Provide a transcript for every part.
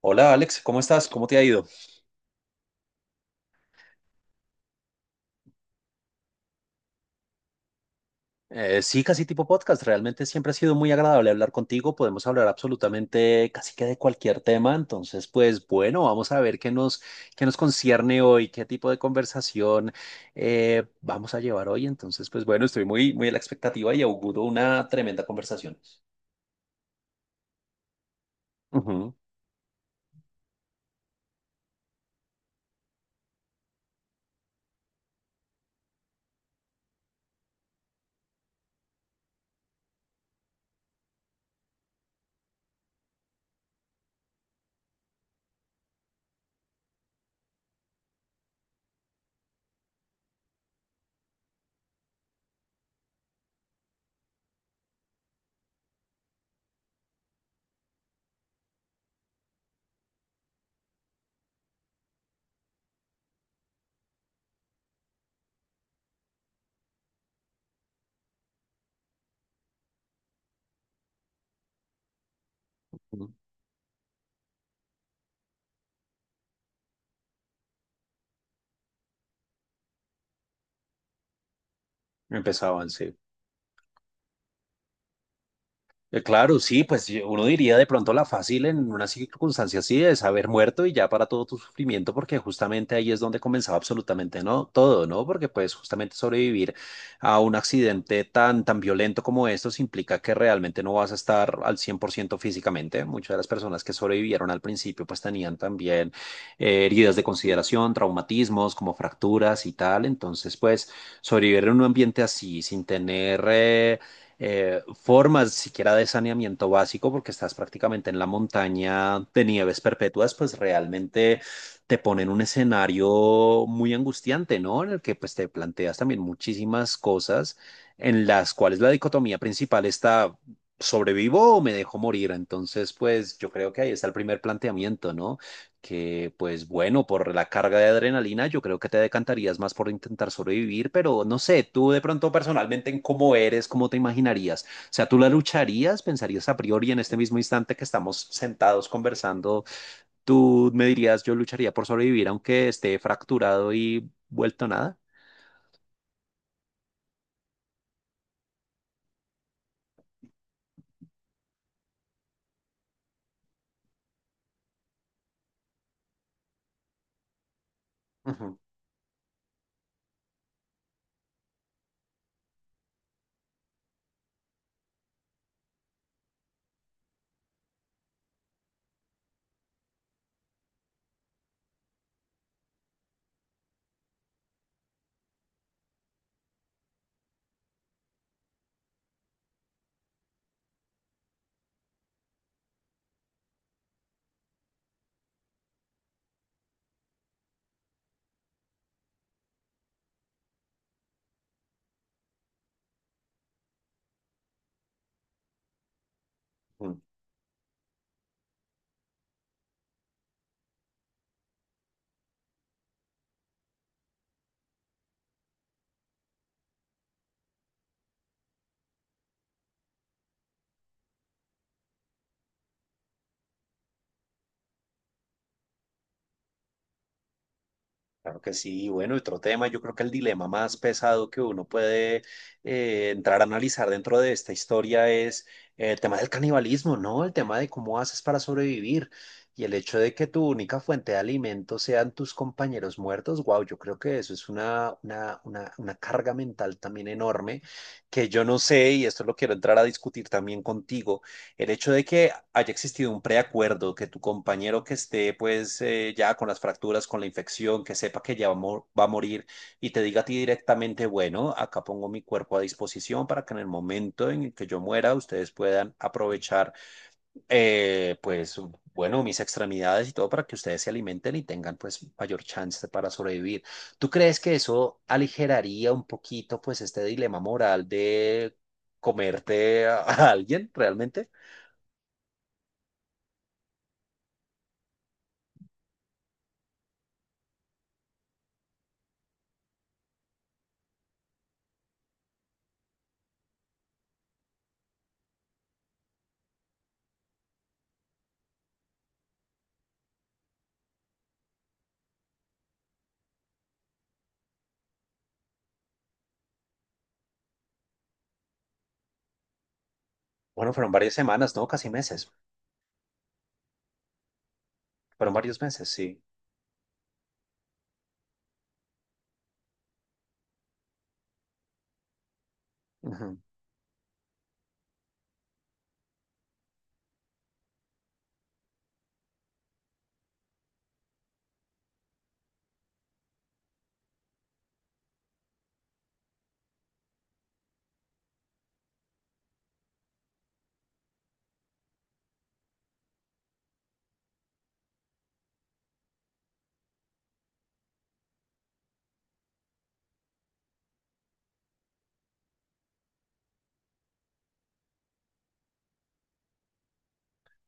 Hola Alex, ¿cómo estás? ¿Cómo te ha ido? Sí, casi tipo podcast. Realmente siempre ha sido muy agradable hablar contigo. Podemos hablar absolutamente casi que de cualquier tema. Entonces, pues bueno, vamos a ver qué nos concierne hoy, qué tipo de conversación vamos a llevar hoy. Entonces, pues bueno, estoy muy, muy a la expectativa y auguro una tremenda conversación. Ujú, ujú. Empezaban, sí. Claro, sí, pues uno diría de pronto la fácil en una circunstancia así es haber muerto y ya para todo tu sufrimiento, porque justamente ahí es donde comenzaba absolutamente no todo, ¿no? Porque pues justamente sobrevivir a un accidente tan violento como estos implica que realmente no vas a estar al 100% físicamente. Muchas de las personas que sobrevivieron al principio pues tenían también heridas de consideración, traumatismos como fracturas y tal. Entonces pues sobrevivir en un ambiente así sin tener formas siquiera de saneamiento básico, porque estás prácticamente en la montaña de nieves perpetuas, pues realmente te pone en un escenario muy angustiante, ¿no? En el que pues te planteas también muchísimas cosas en las cuales la dicotomía principal está, ¿sobrevivo o me dejo morir? Entonces, pues yo creo que ahí está el primer planteamiento, ¿no? Que pues bueno, por la carga de adrenalina, yo creo que te decantarías más por intentar sobrevivir, pero no sé, tú de pronto personalmente en cómo eres, cómo te imaginarías. O sea, tú la lucharías, pensarías a priori en este mismo instante que estamos sentados conversando, tú me dirías, yo lucharía por sobrevivir aunque esté fracturado y vuelto nada. Ujú, ujú. Claro que sí, bueno, y bueno, otro tema, yo creo que el dilema más pesado que uno puede entrar a analizar dentro de esta historia es el tema del canibalismo, ¿no? El tema de cómo haces para sobrevivir y el hecho de que tu única fuente de alimento sean tus compañeros muertos, wow, yo creo que eso es una carga mental también enorme que yo no sé, y esto lo quiero entrar a discutir también contigo. El hecho de que haya existido un preacuerdo, que tu compañero que esté pues ya con las fracturas, con la infección, que sepa que ya va a morir y te diga a ti directamente, bueno, acá pongo mi cuerpo a disposición para que en el momento en el que yo muera ustedes puedan aprovechar pues bueno, mis extremidades y todo para que ustedes se alimenten y tengan pues mayor chance para sobrevivir. ¿Tú crees que eso aligeraría un poquito pues este dilema moral de comerte a alguien realmente? Bueno, fueron varias semanas, ¿no? Casi meses. Fueron varios meses, sí. Ujú,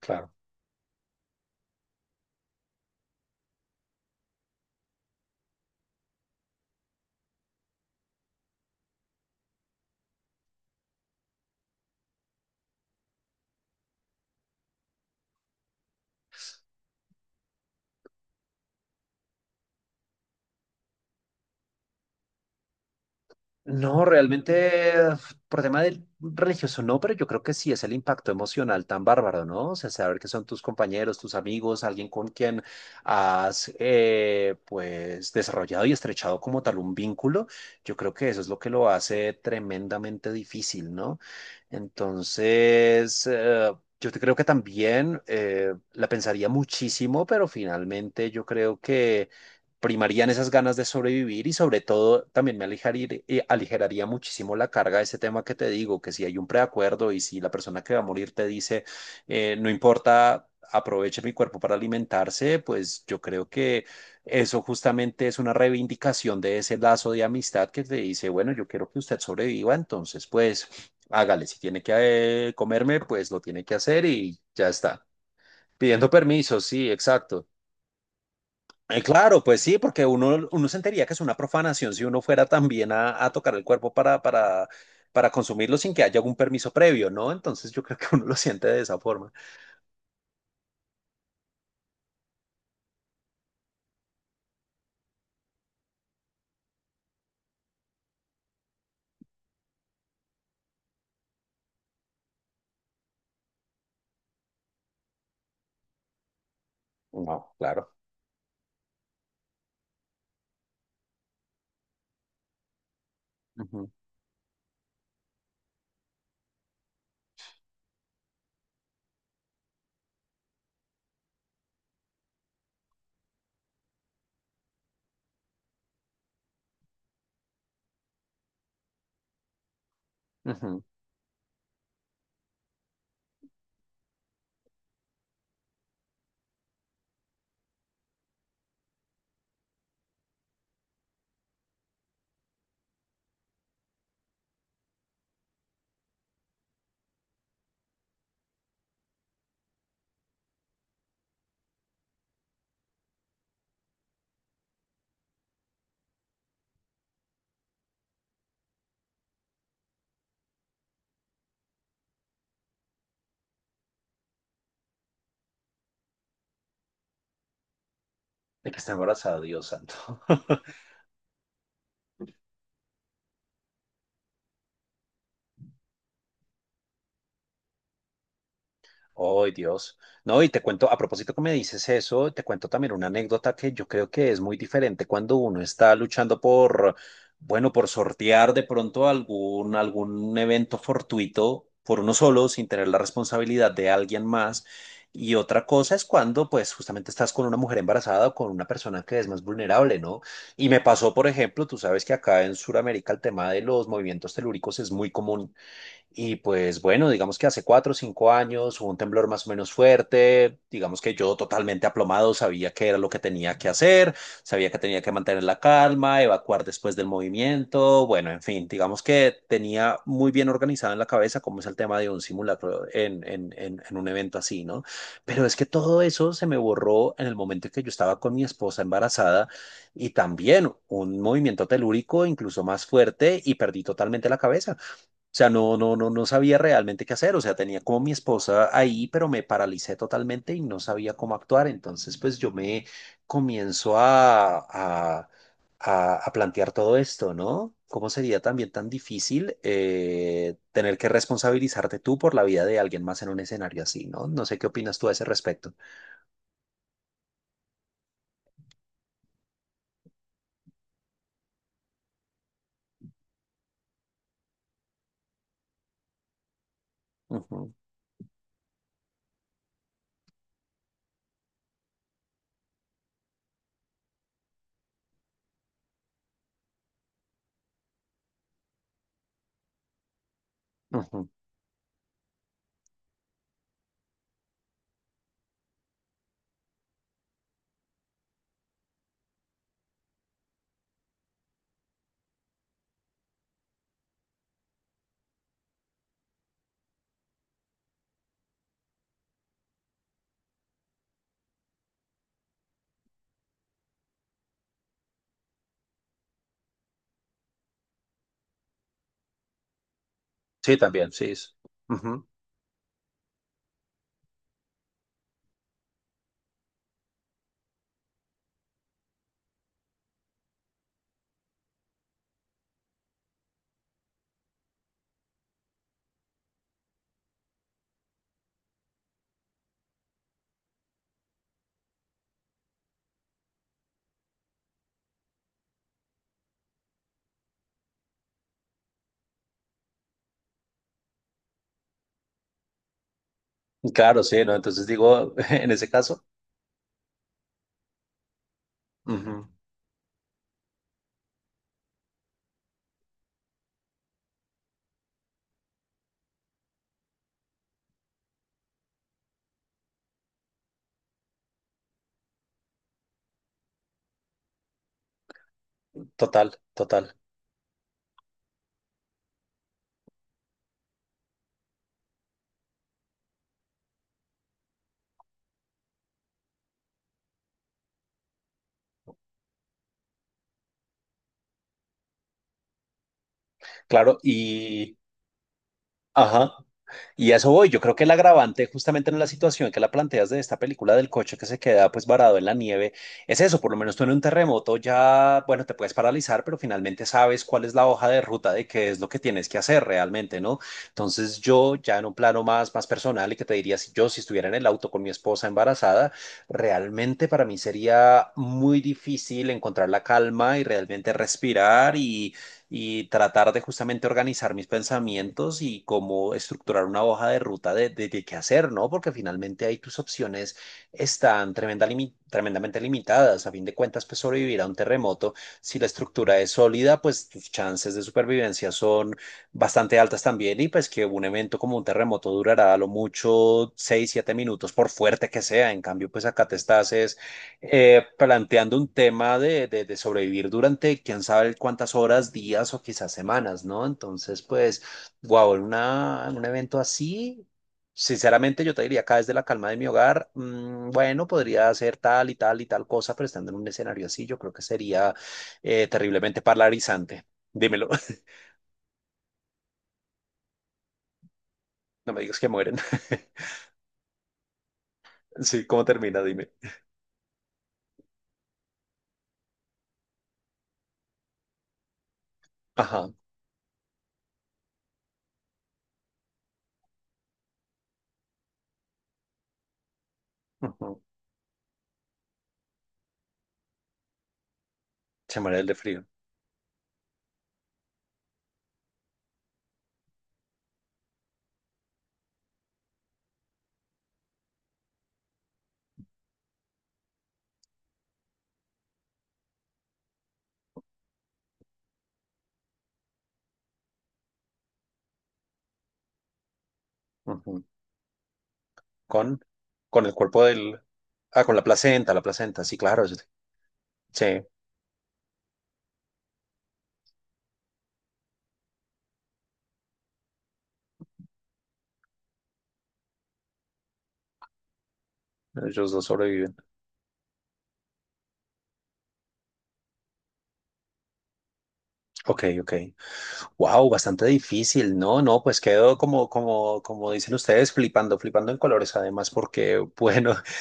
claro. No, realmente por tema del religioso no, pero yo creo que sí es el impacto emocional tan bárbaro, ¿no? O sea, saber que son tus compañeros, tus amigos, alguien con quien has pues desarrollado y estrechado como tal un vínculo, yo creo que eso es lo que lo hace tremendamente difícil, ¿no? Entonces, yo te creo que también la pensaría muchísimo, pero finalmente yo creo que primarían esas ganas de sobrevivir y sobre todo también me aligeraría muchísimo la carga de ese tema que te digo, que si hay un preacuerdo y si la persona que va a morir te dice, no importa, aproveche mi cuerpo para alimentarse, pues yo creo que eso justamente es una reivindicación de ese lazo de amistad que te dice, bueno, yo quiero que usted sobreviva, entonces pues hágale, si tiene que comerme, pues lo tiene que hacer y ya está. Pidiendo permiso, sí, exacto. Claro, pues sí, porque uno sentiría que es una profanación si uno fuera también a tocar el cuerpo para consumirlo sin que haya algún permiso previo, ¿no? Entonces yo creo que uno lo siente de esa forma. No, claro. Ujú, ujú. De que está embarazada, Dios santo. Ay, Dios. No, y te cuento, a propósito que me dices eso, te cuento también una anécdota que yo creo que es muy diferente cuando uno está luchando bueno, por sortear de pronto algún evento fortuito por uno solo, sin tener la responsabilidad de alguien más. Y otra cosa es cuando, pues, justamente estás con una mujer embarazada o con una persona que es más vulnerable, ¿no? Y me pasó, por ejemplo, tú sabes que acá en Sudamérica el tema de los movimientos telúricos es muy común. Y pues bueno, digamos que hace 4 o 5 años hubo un temblor más o menos fuerte, digamos que yo totalmente aplomado sabía qué era lo que tenía que hacer, sabía que tenía que mantener la calma, evacuar después del movimiento, bueno, en fin, digamos que tenía muy bien organizado en la cabeza cómo es el tema de un simulacro en un evento así, ¿no? Pero es que todo eso se me borró en el momento en que yo estaba con mi esposa embarazada y también un movimiento telúrico incluso más fuerte y perdí totalmente la cabeza. O sea, no, no, no, no sabía realmente qué hacer. O sea, tenía como mi esposa ahí, pero me paralicé totalmente y no sabía cómo actuar. Entonces, pues yo me comienzo a plantear todo esto, ¿no? ¿Cómo sería también tan difícil tener que responsabilizarte tú por la vida de alguien más en un escenario así, ¿no? No sé qué opinas tú a ese respecto. Ujú, ujú. Sí, también, sí. Ujú. Claro, sí, ¿no? Entonces digo, en ese caso, ujú, total, total. Claro, y... Ajá. Y a eso voy. Yo creo que el agravante, justamente en la situación que la planteas de esta película del coche que se queda pues varado en la nieve, es eso. Por lo menos tú en un terremoto ya, bueno, te puedes paralizar, pero finalmente sabes cuál es la hoja de ruta de qué es lo que tienes que hacer realmente, ¿no? Entonces yo ya en un plano más personal y que te diría, si estuviera en el auto con mi esposa embarazada, realmente para mí sería muy difícil encontrar la calma y realmente respirar y tratar de justamente organizar mis pensamientos y cómo estructurar una hoja de ruta de qué hacer, ¿no? Porque finalmente ahí tus opciones están tremendamente limitadas. A fin de cuentas, pues sobrevivir a un terremoto, si la estructura es sólida, pues tus chances de supervivencia son bastante altas también y pues que un evento como un terremoto durará a lo mucho 6 7 minutos, por fuerte que sea. En cambio, pues acá te estás es planteando un tema de sobrevivir durante quién sabe cuántas horas, días o quizás semanas, ¿no? Entonces, pues, wow, en en un evento así, sinceramente yo te diría acá desde la calma de mi hogar, mm, bueno, podría hacer tal y tal y tal cosa, pero estando en un escenario así, yo creo que sería terriblemente paralizante. Dímelo, no me digas que mueren. Sí, ¿cómo termina? Dime. Ajá. Ujú. Se muere el de frío. Ujú. con, con el cuerpo del... Ah, con la placenta, sí, claro. Sí, sí, ellos dos sobreviven. Ok, ok. Wow, bastante difícil, ¿no? No, pues quedó como, como, como dicen ustedes, flipando, flipando en colores, además, porque, bueno,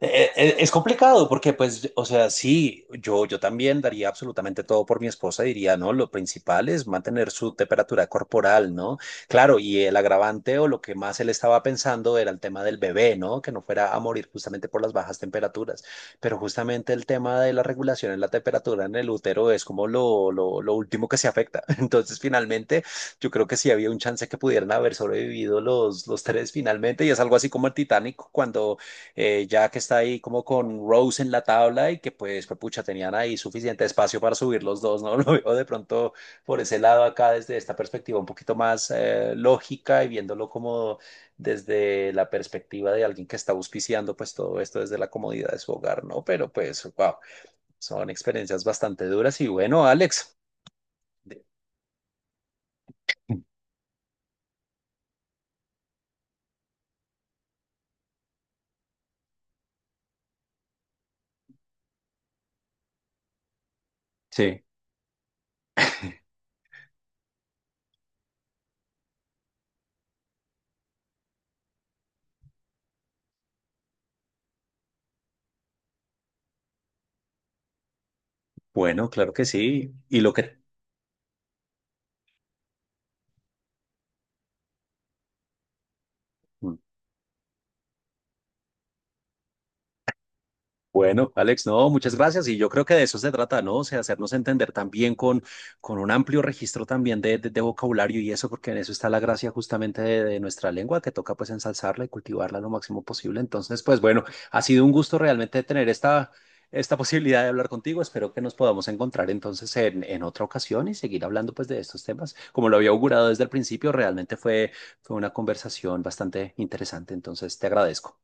Es complicado porque, pues, o sea, sí, yo también daría absolutamente todo por mi esposa, diría, no, lo principal es mantener su temperatura corporal, ¿no? Claro, y el agravante o lo que más él estaba pensando era el tema del bebé, ¿no? Que no fuera a morir justamente por las bajas temperaturas, pero justamente el tema de la regulación en la temperatura en el útero es como lo último que se afecta. Entonces, finalmente, yo creo que sí había un chance que pudieran haber sobrevivido los tres finalmente, y es algo así como el Titanic cuando ya que está ahí como con Rose en la tabla y que pues, pues, pucha, tenían ahí suficiente espacio para subir los dos, ¿no? Lo veo de pronto por ese lado acá desde esta perspectiva un poquito más lógica y viéndolo como desde la perspectiva de alguien que está auspiciando pues todo esto desde la comodidad de su hogar, ¿no? Pero pues, wow, son experiencias bastante duras y bueno, Alex. de- Sí. Bueno, claro que sí. Y lo que... Bueno, Alex, no, muchas gracias. Y yo creo que de eso se trata, ¿no? O sea, hacernos entender también con un amplio registro también de vocabulario y eso, porque en eso está la gracia justamente de nuestra lengua, que toca pues ensalzarla y cultivarla lo máximo posible. Entonces, pues bueno, ha sido un gusto realmente tener esta, esta posibilidad de hablar contigo. Espero que nos podamos encontrar entonces en otra ocasión y seguir hablando pues de estos temas. Como lo había augurado desde el principio, realmente fue una conversación bastante interesante. Entonces, te agradezco.